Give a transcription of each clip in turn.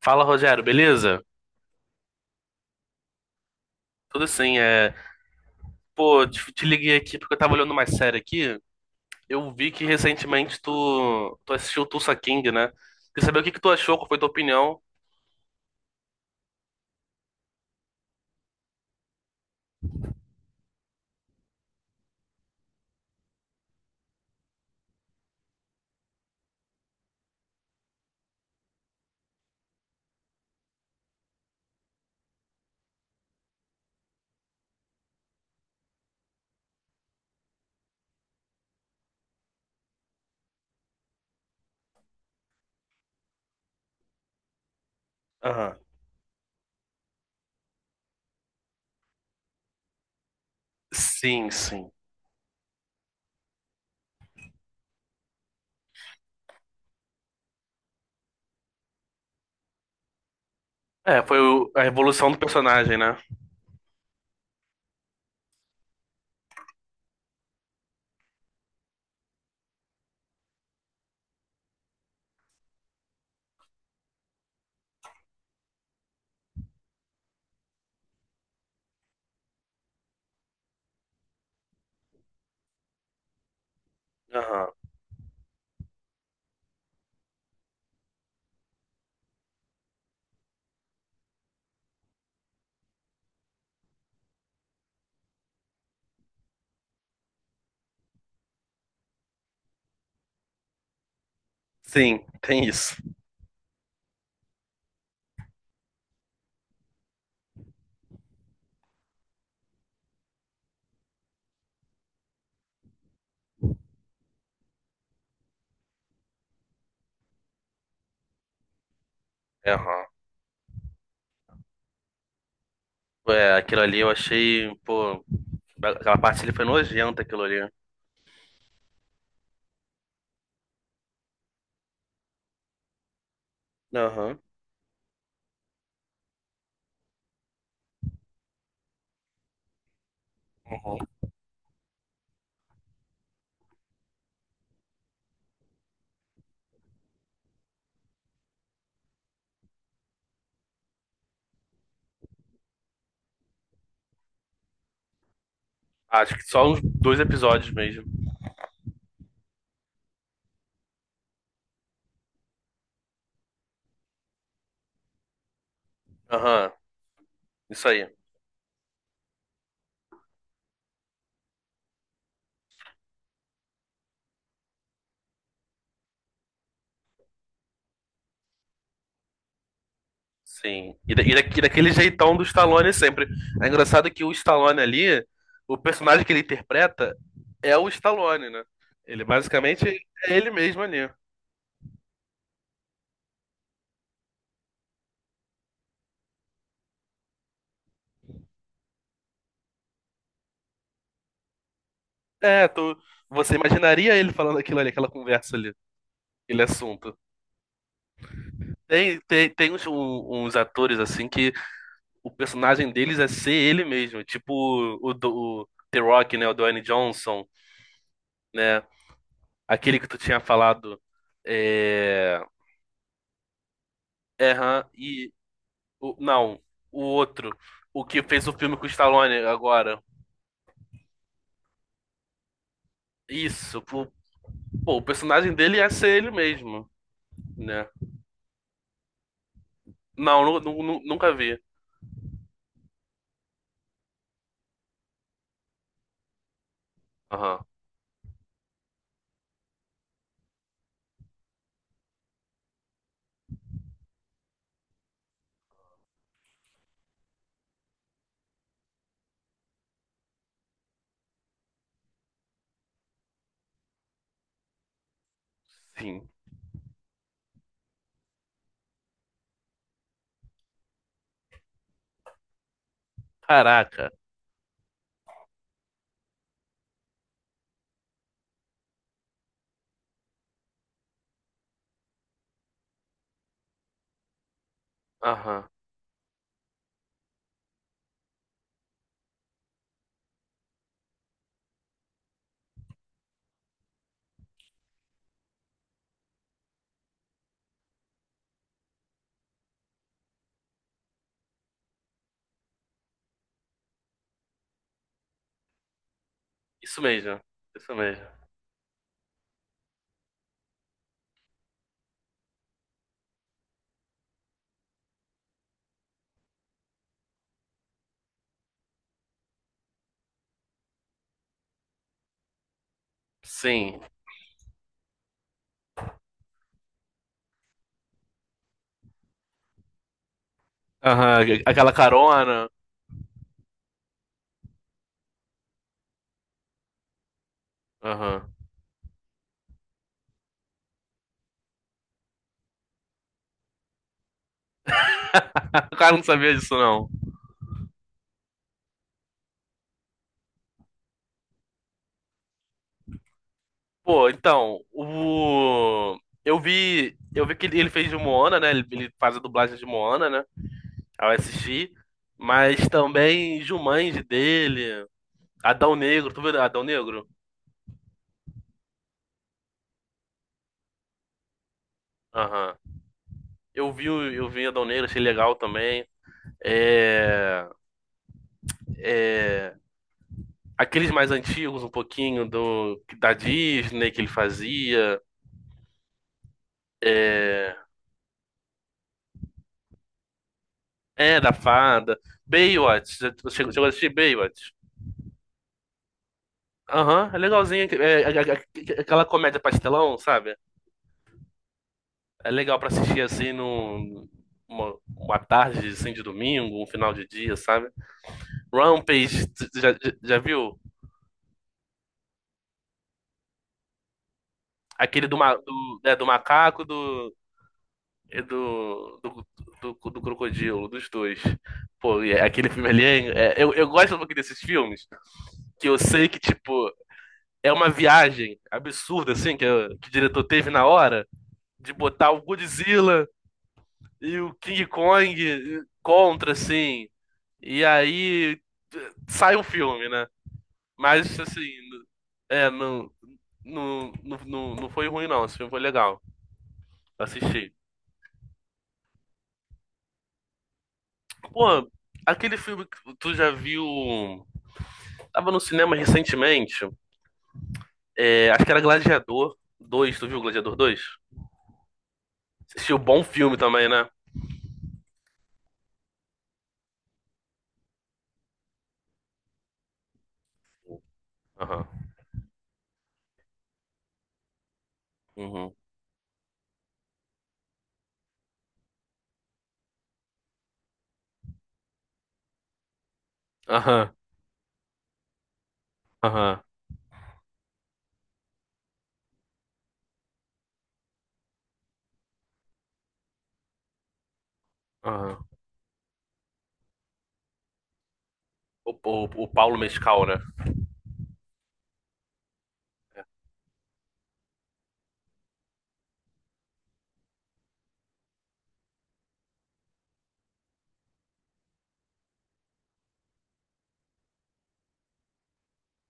Fala, Rogério, beleza? Tudo sim, é. Pô, te liguei aqui porque eu tava olhando uma série aqui. Eu vi que recentemente tu assistiu Tulsa King, né? Queria saber o que que tu achou, qual foi tua opinião. Aham. Sim, sim. É, foi a evolução do personagem, né? Aham. Sim, tem isso. Aham. É, aquilo ali eu achei, pô, aquela parte ali foi nojenta, aquilo ali. Aham. Uhum. Acho que só uns dois episódios mesmo. Aham. Isso aí. Sim. E, e daquele jeitão do Stallone sempre. É engraçado que o Stallone ali, o personagem que ele interpreta é o Stallone, né? Ele basicamente é ele mesmo ali. É, tu, você imaginaria ele falando aquilo ali, aquela conversa ali, aquele assunto. Tem uns, uns atores assim que o personagem deles é ser ele mesmo. Tipo o The Rock, né? O Dwayne Johnson, né? Aquele que tu tinha falado. É. É, aham. Não, o outro. O que fez o filme com o Stallone agora. Isso. O, pô, o personagem dele ia ser ele mesmo, né? Não, nunca vi. Aham. Sim. Caraca. Aham. Isso mesmo. Isso mesmo. Sim. Aham. Aquela carona. Aham. O cara não sabia disso, não. Pô, então, o. Eu vi. Eu vi que ele fez de Moana, né? Ele faz a dublagem de Moana, né? Ao assisti, mas também Jumanji dele, Adão Negro, tu viu Adão Negro? Aham. Eu vi, eu vi Adão Negro, achei legal também. É, aqueles mais antigos, um pouquinho do da Disney que ele fazia. É, da Fada. Baywatch, você chegou a assistir Baywatch? Aham, é legalzinho. É aquela comédia pastelão, sabe? É legal pra assistir assim num, uma tarde assim, de domingo, um final de dia, sabe? Rampage, tu viu? Aquele do macaco do, e do crocodilo, dos dois. Pô, e aquele filme ali, eu gosto um pouquinho desses filmes, que eu sei que, tipo, é uma viagem absurda, assim, que, que o diretor teve na hora, de botar o Godzilla e o King Kong contra, assim, e aí sai um filme, né? Mas, assim, é, não, não foi ruim, não. Esse filme foi legal. Assisti. Pô, aquele filme que tu já viu. Tava no cinema recentemente. É, acho que era Gladiador dois. Tu viu Gladiador 2? Assistiu bom filme também, né? Aham. Uhum. Aham. Aham. Aham. O, o Paulo Mescal, né?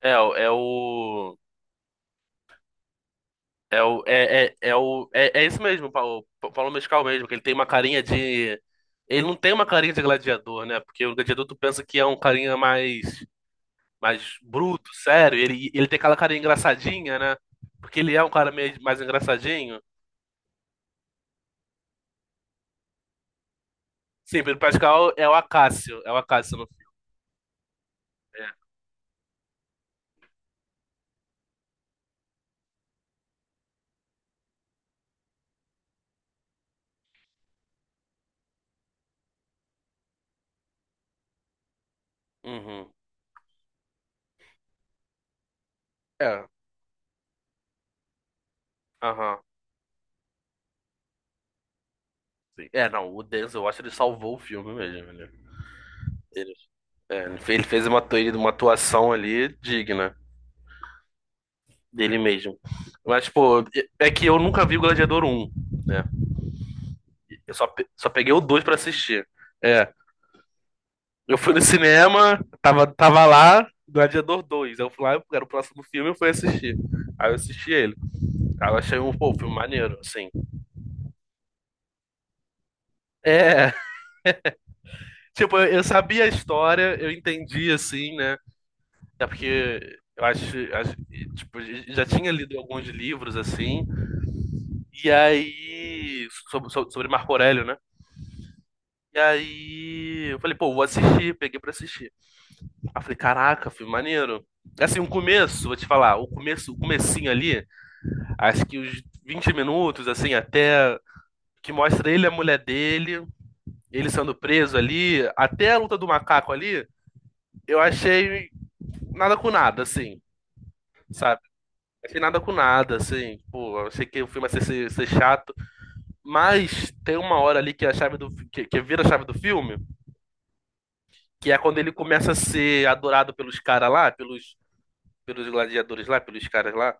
É, o- é o. É o. É, é isso mesmo, o Paulo Mescal mesmo, que ele tem uma carinha de. Ele não tem uma carinha de gladiador, né? Porque o gladiador tu pensa que é um carinha mais bruto, sério. Ele tem aquela cara engraçadinha, né? Porque ele é um cara meio mais engraçadinho. Sim, Pedro Pascal é o Acácio. É o Acácio no filme. É. Uhum. É. Aham. Sim. É, não, o Denzel Washington ele salvou o filme mesmo. Ele, é, ele fez uma, uma atuação ali digna dele mesmo. Mas, pô, é que eu nunca vi o Gladiador 1, né? Eu só, só peguei o 2 pra assistir. É. Eu fui no cinema, tava lá, Gladiador Dois. Eu fui lá, era o próximo filme, eu fui assistir. Aí eu assisti ele. Aí eu achei um, pô, um filme maneiro, assim. É, tipo, eu sabia a história, eu entendi, assim, né? É porque eu acho, tipo, já tinha lido alguns livros, assim. E aí, sobre, sobre Marco Aurélio, né? E aí, eu falei, pô, vou assistir, peguei pra assistir. Aí eu falei, caraca, filme maneiro. É. Assim, o começo, vou te falar, o começo, o comecinho ali, acho que os 20 minutos, assim, até que mostra ele e a mulher dele, ele sendo preso ali, até a luta do macaco ali, eu achei nada com nada, assim, sabe? Achei nada com nada, assim, pô, eu achei que o filme ia ser chato, mas tem uma hora ali que a chave que vira a chave do filme, que é quando ele começa a ser adorado pelos caras lá, pelos, pelos gladiadores lá, pelos caras lá,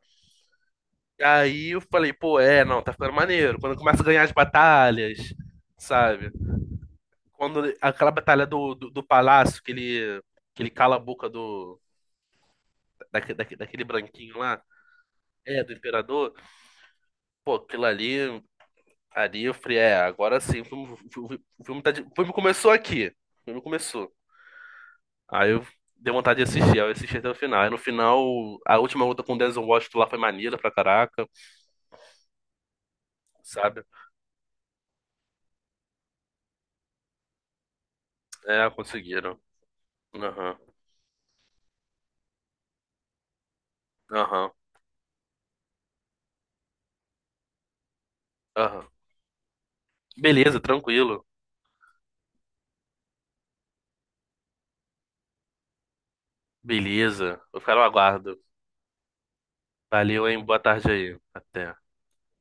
aí eu falei, pô, é, não, tá ficando maneiro, quando começa a ganhar as batalhas, sabe? Quando aquela batalha do palácio, que ele cala a boca do, daquele branquinho lá, é, do imperador, pô, aquilo ali, ali eu falei, é, agora sim, o filme, o filme, o filme tá de- o filme começou aqui. O filme começou. Aí eu dei vontade de assistir, aí eu assisti até o final. Aí no final, a última luta com o Denzel Washington lá foi maneira pra caraca, sabe? É, conseguiram. Aham, aham, aham. Beleza, tranquilo. Beleza, eu quero no aguardo. Valeu, hein? Boa tarde aí. Até.